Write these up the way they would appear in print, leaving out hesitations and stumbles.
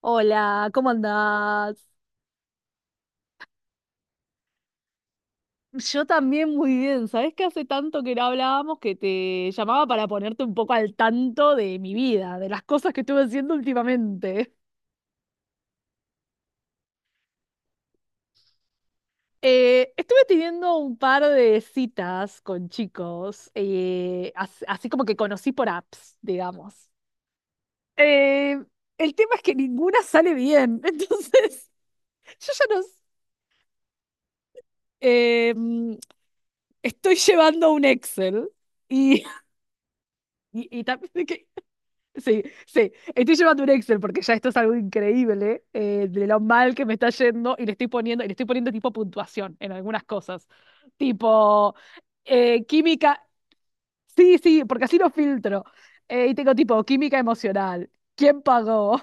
Hola, ¿cómo andás? Yo también muy bien. ¿Sabés que hace tanto que no hablábamos que te llamaba para ponerte un poco al tanto de mi vida, de las cosas que estuve haciendo últimamente? Estuve teniendo un par de citas con chicos, así como que conocí por apps, digamos. Eh, el tema es que ninguna sale bien, entonces yo ya no... eh, mm, Estoy llevando un Excel y... y también. Sí, sí. Estoy llevando un Excel porque ya esto es algo increíble, de lo mal que me está yendo y le estoy poniendo tipo puntuación en algunas cosas. Tipo, química. Sí, sí, porque así lo filtro. Y tengo tipo química emocional. ¿Quién pagó?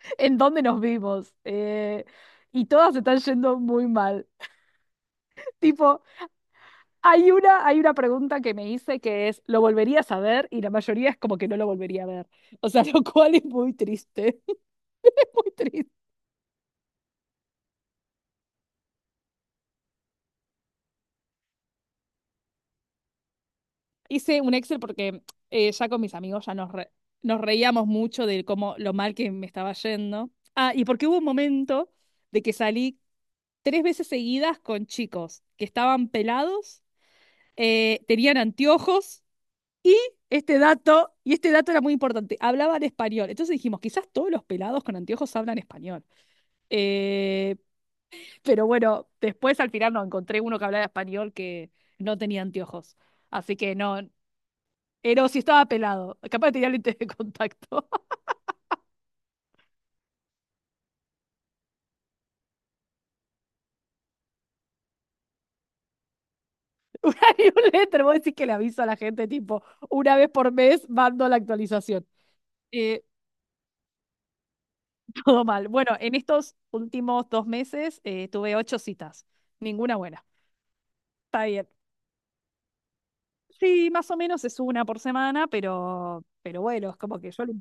¿En dónde nos vimos? Y todas están yendo muy mal. Tipo, hay una pregunta que me hice que es, ¿lo volverías a ver? Y la mayoría es como que no lo volvería a ver. O sea, lo cual es muy triste. Muy triste. Hice un Excel porque ya con mis amigos, nos reíamos mucho de cómo lo mal que me estaba yendo. Ah, y porque hubo un momento de que salí tres veces seguidas con chicos que estaban pelados, tenían anteojos y este dato era muy importante, hablaban español. Entonces dijimos, quizás todos los pelados con anteojos hablan español. Eh, pero bueno, después al final no encontré uno que hablaba español que no tenía anteojos. Así que no, pero si estaba pelado, capaz que tenía lentes de contacto. Una newsletter, vos decís que le aviso a la gente, tipo, una vez por mes mando la actualización. Eh, Todo mal. Bueno, en estos últimos 2 meses, tuve ocho citas, ninguna buena. Está bien. Sí, más o menos es una por semana, pero, bueno, es como que yo le...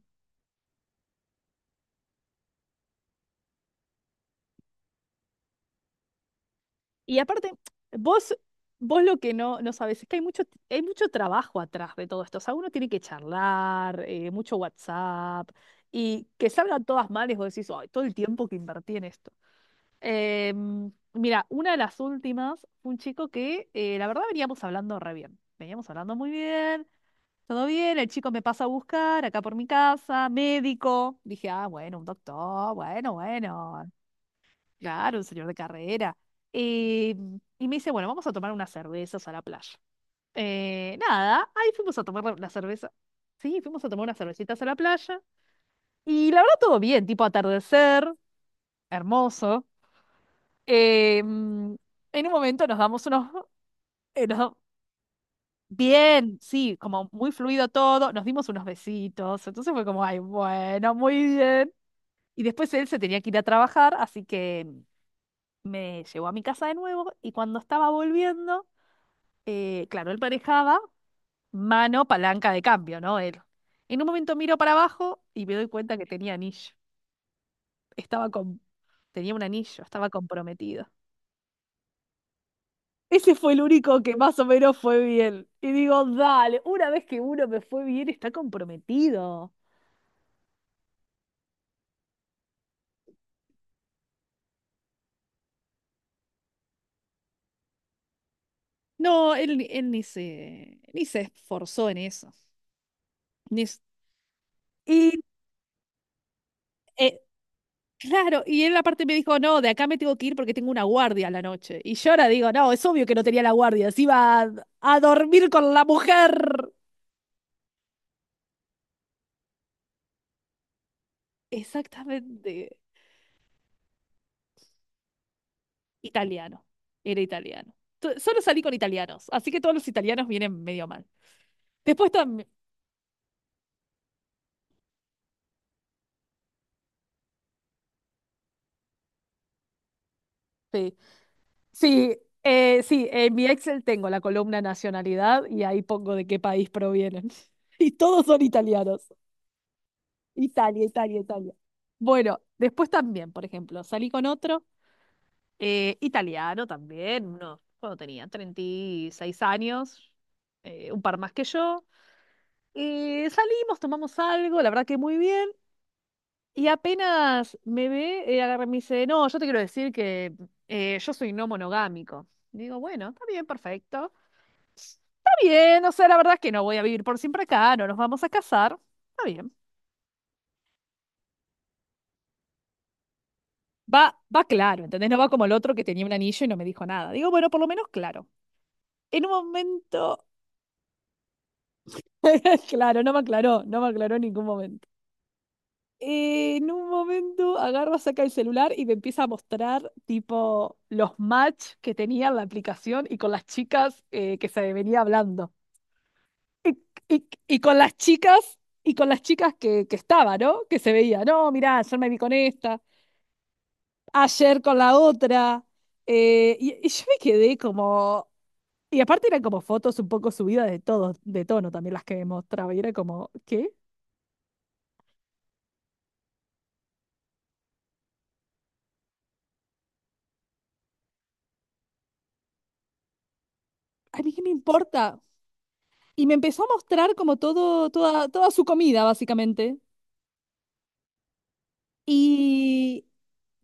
Y aparte, vos, vos lo que no sabes es que hay mucho trabajo atrás de todo esto. O sea, uno tiene que charlar, mucho WhatsApp, y que salgan todas mal y vos decís, ay, todo el tiempo que invertí en esto. Mira, una de las últimas, fue un chico que, la verdad veníamos hablando re bien. Veníamos hablando muy bien, todo bien, el chico me pasa a buscar acá por mi casa, médico. Dije, ah, bueno, un doctor, bueno, bueno. Claro, un señor de carrera. Eh, y me dice, bueno, vamos a tomar unas cervezas a la playa. Nada, ahí fuimos a tomar la cerveza. Sí, fuimos a tomar unas cervecitas a la playa. Y la verdad todo bien, tipo atardecer, hermoso. Eh, mm, en un momento nos damos unos... nos da- bien, sí, como muy fluido todo. Nos dimos unos besitos. Entonces fue como, ay, bueno, muy bien. Y después él se tenía que ir a trabajar, así que me llevó a mi casa de nuevo y cuando estaba volviendo, claro, él manejaba mano, palanca de cambio, ¿no? Él. En un momento miro para abajo y me doy cuenta que tenía anillo. Estaba con... Tenía un anillo, estaba comprometido. Ese fue el único que más o menos fue bien. Y digo, dale, una vez que uno me fue bien, está comprometido. No, él ni se esforzó en eso. Ni s- Y eh, Claro, y él aparte me dijo, no, de acá me tengo que ir porque tengo una guardia a la noche. Y yo ahora digo, no, es obvio que no tenía la guardia, se iba a dormir con la mujer. Exactamente. Italiano, era italiano. Solo salí con italianos, así que todos los italianos vienen medio mal. Después también, sí, sí, sí, en mi Excel tengo la columna nacionalidad y ahí pongo de qué país provienen. Y todos son italianos. Italia, Italia, Italia. Bueno, después también, por ejemplo, salí con otro. Italiano también, uno, cuando tenía 36 años, un par más que yo. Salimos, tomamos algo, la verdad que muy bien. Y apenas me ve, agarra y me dice, no, yo te quiero decir que, yo soy no monogámico. Y digo, bueno, está bien, perfecto. Está bien, o sea, la verdad es que no voy a vivir por siempre acá, no nos vamos a casar. Está bien. Va, va claro, ¿entendés? No va como el otro que tenía un anillo y no me dijo nada. Digo, bueno, por lo menos claro. En un momento Claro, no me aclaró en ningún momento. En un momento agarra, saca el celular y me empieza a mostrar tipo los match que tenía en la aplicación y con las chicas, que se venía hablando. Y con las chicas, y con las chicas que estaba, ¿no? Que se veía, no, mirá, ayer me vi con esta, ayer con la otra. Y yo me quedé como... Y aparte eran como fotos un poco subidas de todos, de tono también las que me mostraba. Y era como, ¿qué? ¿A mí qué me importa? Y me empezó a mostrar como todo, toda, toda su comida, básicamente. Y,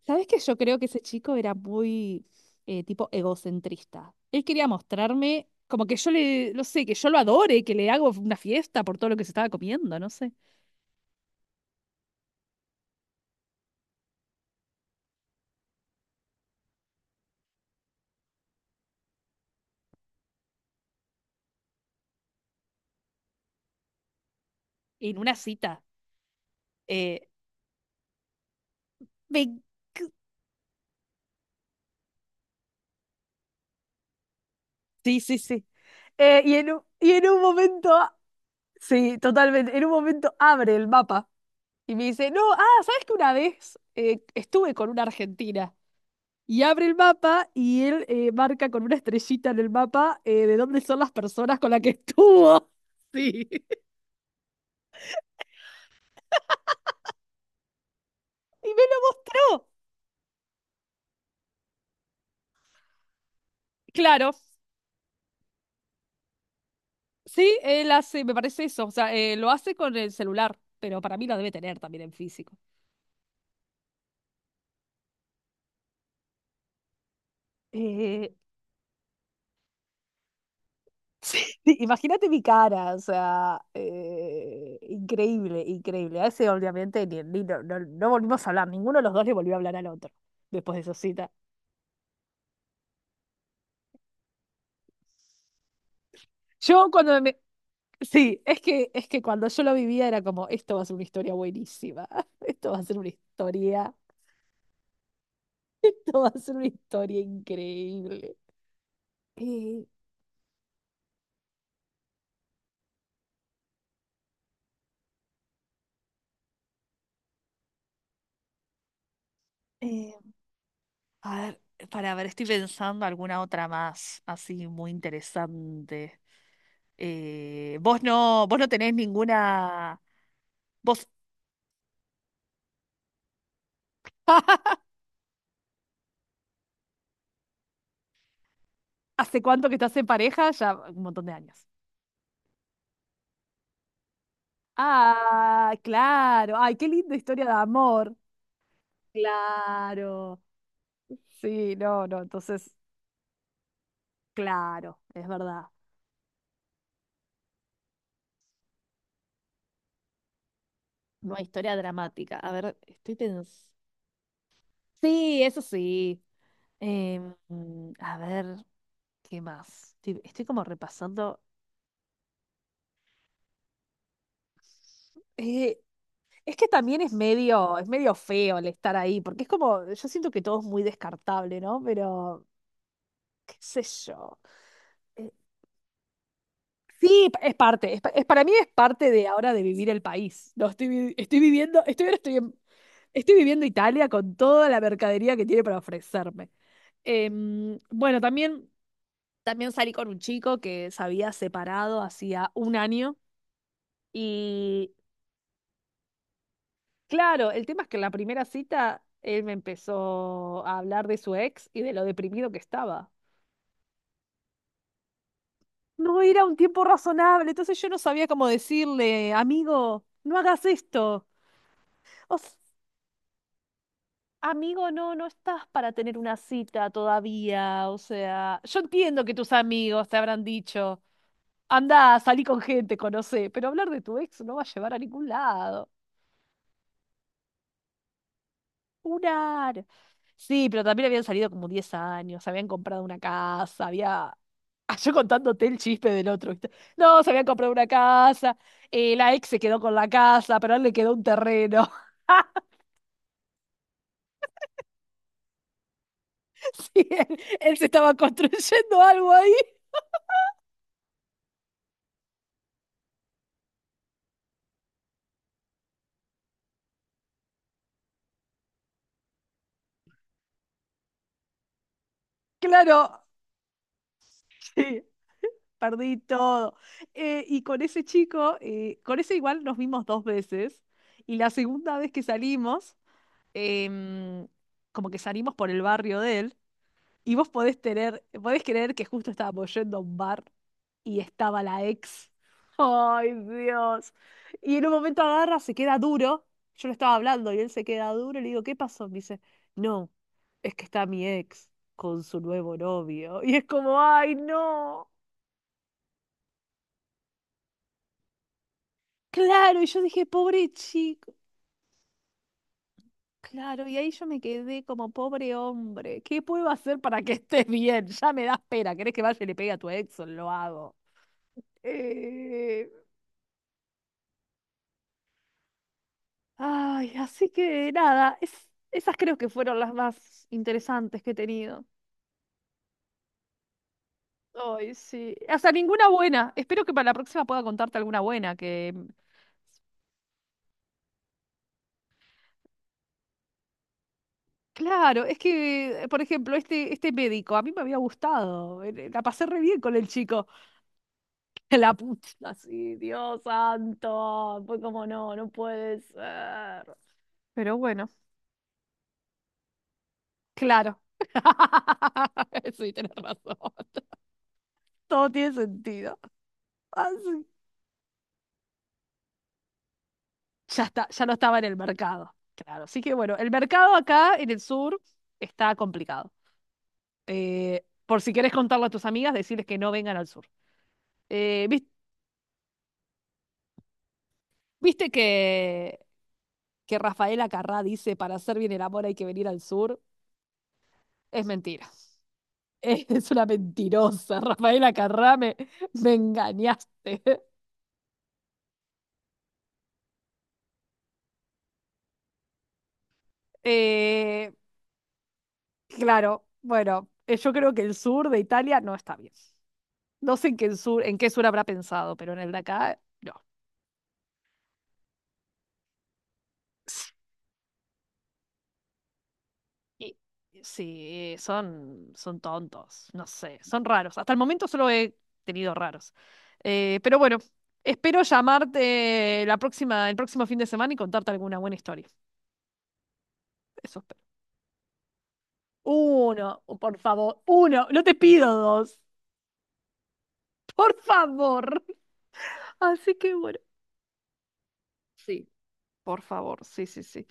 ¿sabes qué? Yo creo que ese chico era muy, tipo egocentrista. Él quería mostrarme como que yo le, no sé, que yo lo adore, que le hago una fiesta por todo lo que se estaba comiendo, no sé. En una cita. Eh, me- Sí, sí, sí. Y en un, en un momento, sí, totalmente, en un momento abre el mapa y me dice, no, ah, ¿sabes que una vez, estuve con una argentina? Y abre el mapa y él, marca con una estrellita en el mapa, de dónde son las personas con las que estuvo. Sí. Y me lo mostró. Claro, sí, él hace, me parece eso. O sea, lo hace con el celular, pero para mí lo debe tener también en físico. Eh, sí, imagínate mi cara, o sea, increíble, increíble. A ese obviamente no volvimos a hablar, ninguno de los dos le volvió a hablar al otro después de esa cita. Yo cuando me, Sí, es que, cuando yo lo vivía era como, esto va a ser una historia buenísima, esto va a ser una historia, esto va a ser una historia increíble. Y, eh, a ver, estoy pensando alguna otra más, así muy interesante. Vos no, vos no tenés ninguna. Vos, ¿Hace cuánto que estás en pareja? Ya un montón de años. Ah, claro. Ay, qué linda historia de amor. Claro. Sí, no, no. Entonces... Claro, es verdad. No hay historia dramática. A ver, estoy pensando. Sí, eso sí. Em, a ver, ¿qué más? Estoy como repasando. Eh, es que también es medio feo el estar ahí, porque es como, yo siento que todo es muy descartable, ¿no? Pero, qué sé yo. Eh, Sí, es parte, para mí es parte de ahora de vivir el país. No, estoy, vi- estoy viviendo, estoy, ahora estoy, en- estoy viviendo Italia con toda la mercadería que tiene para ofrecerme. Bueno, también, también salí con un chico que se había separado hacía un año y claro, el tema es que en la primera cita él me empezó a hablar de su ex y de lo deprimido que estaba. No era un tiempo razonable, entonces yo no sabía cómo decirle, amigo, no hagas esto. Amigo, no, no estás para tener una cita todavía. O sea, yo entiendo que tus amigos te habrán dicho, anda, salí con gente, conocé, pero hablar de tu ex no va a llevar a ningún lado. Jurar. Sí, pero también habían salido como 10 años, habían comprado una casa, había. Ah, yo contándote el chisme del otro, ¿viste? No, se habían comprado una casa, la ex se quedó con la casa, pero a él le quedó un terreno. Sí, él se estaba construyendo algo ahí. Claro, sí. Perdí todo. Y con ese chico, con ese igual nos vimos dos veces. Y la segunda vez que salimos, em, como que salimos por el barrio de él. Y vos podés creer que justo estábamos yendo a un bar y estaba la ex. ¡Ay, Dios! Y en un momento agarra, se queda duro. Yo le estaba hablando y él se queda duro. Y le digo, ¿qué pasó? Me dice, no, es que está mi ex con su nuevo novio. Y es como, ¡ay, no! Claro, y yo dije, pobre chico, claro, y ahí yo me quedé como pobre hombre, ¿qué puedo hacer para que estés bien? Ya me das pena, ¿querés que vaya y le pegue a tu ex? Lo hago. Eh, Ay, así que nada, esas creo que fueron las más interesantes que he tenido. Ay, sí. Hasta ninguna buena. Espero que para la próxima pueda contarte alguna buena Claro, es que, por ejemplo, este médico, a mí me había gustado, la pasé re bien con el chico. La puta, sí, Dios santo. Pues como no, no puede ser. Pero bueno, claro. Sí, tenés razón. Todo tiene sentido. Así. Ya está, ya no estaba en el mercado. Claro, así que bueno, el mercado acá en el sur está complicado. Por si querés contarlo a tus amigas, decirles que no vengan al sur. Eh, vis- ¿Viste que Rafaela Carrá dice para hacer bien el amor hay que venir al sur? Es mentira. Es una mentirosa, Rafaela Carrame, me engañaste. Eh, claro, bueno, yo creo que el sur de Italia no está bien. No sé en qué sur habrá pensado, pero en el de acá, no. Y- Sí, son tontos, no sé, son raros. Hasta el momento solo he tenido raros. Pero bueno, espero llamarte la próxima, el próximo fin de semana y contarte alguna buena historia. Eso espero. Uno, por favor, uno, no te pido dos. Por favor. Así que bueno. Sí, por favor. Sí, sí, sí.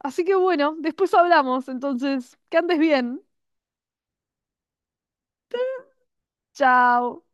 Así que bueno, después hablamos. Entonces, que andes bien. Chao.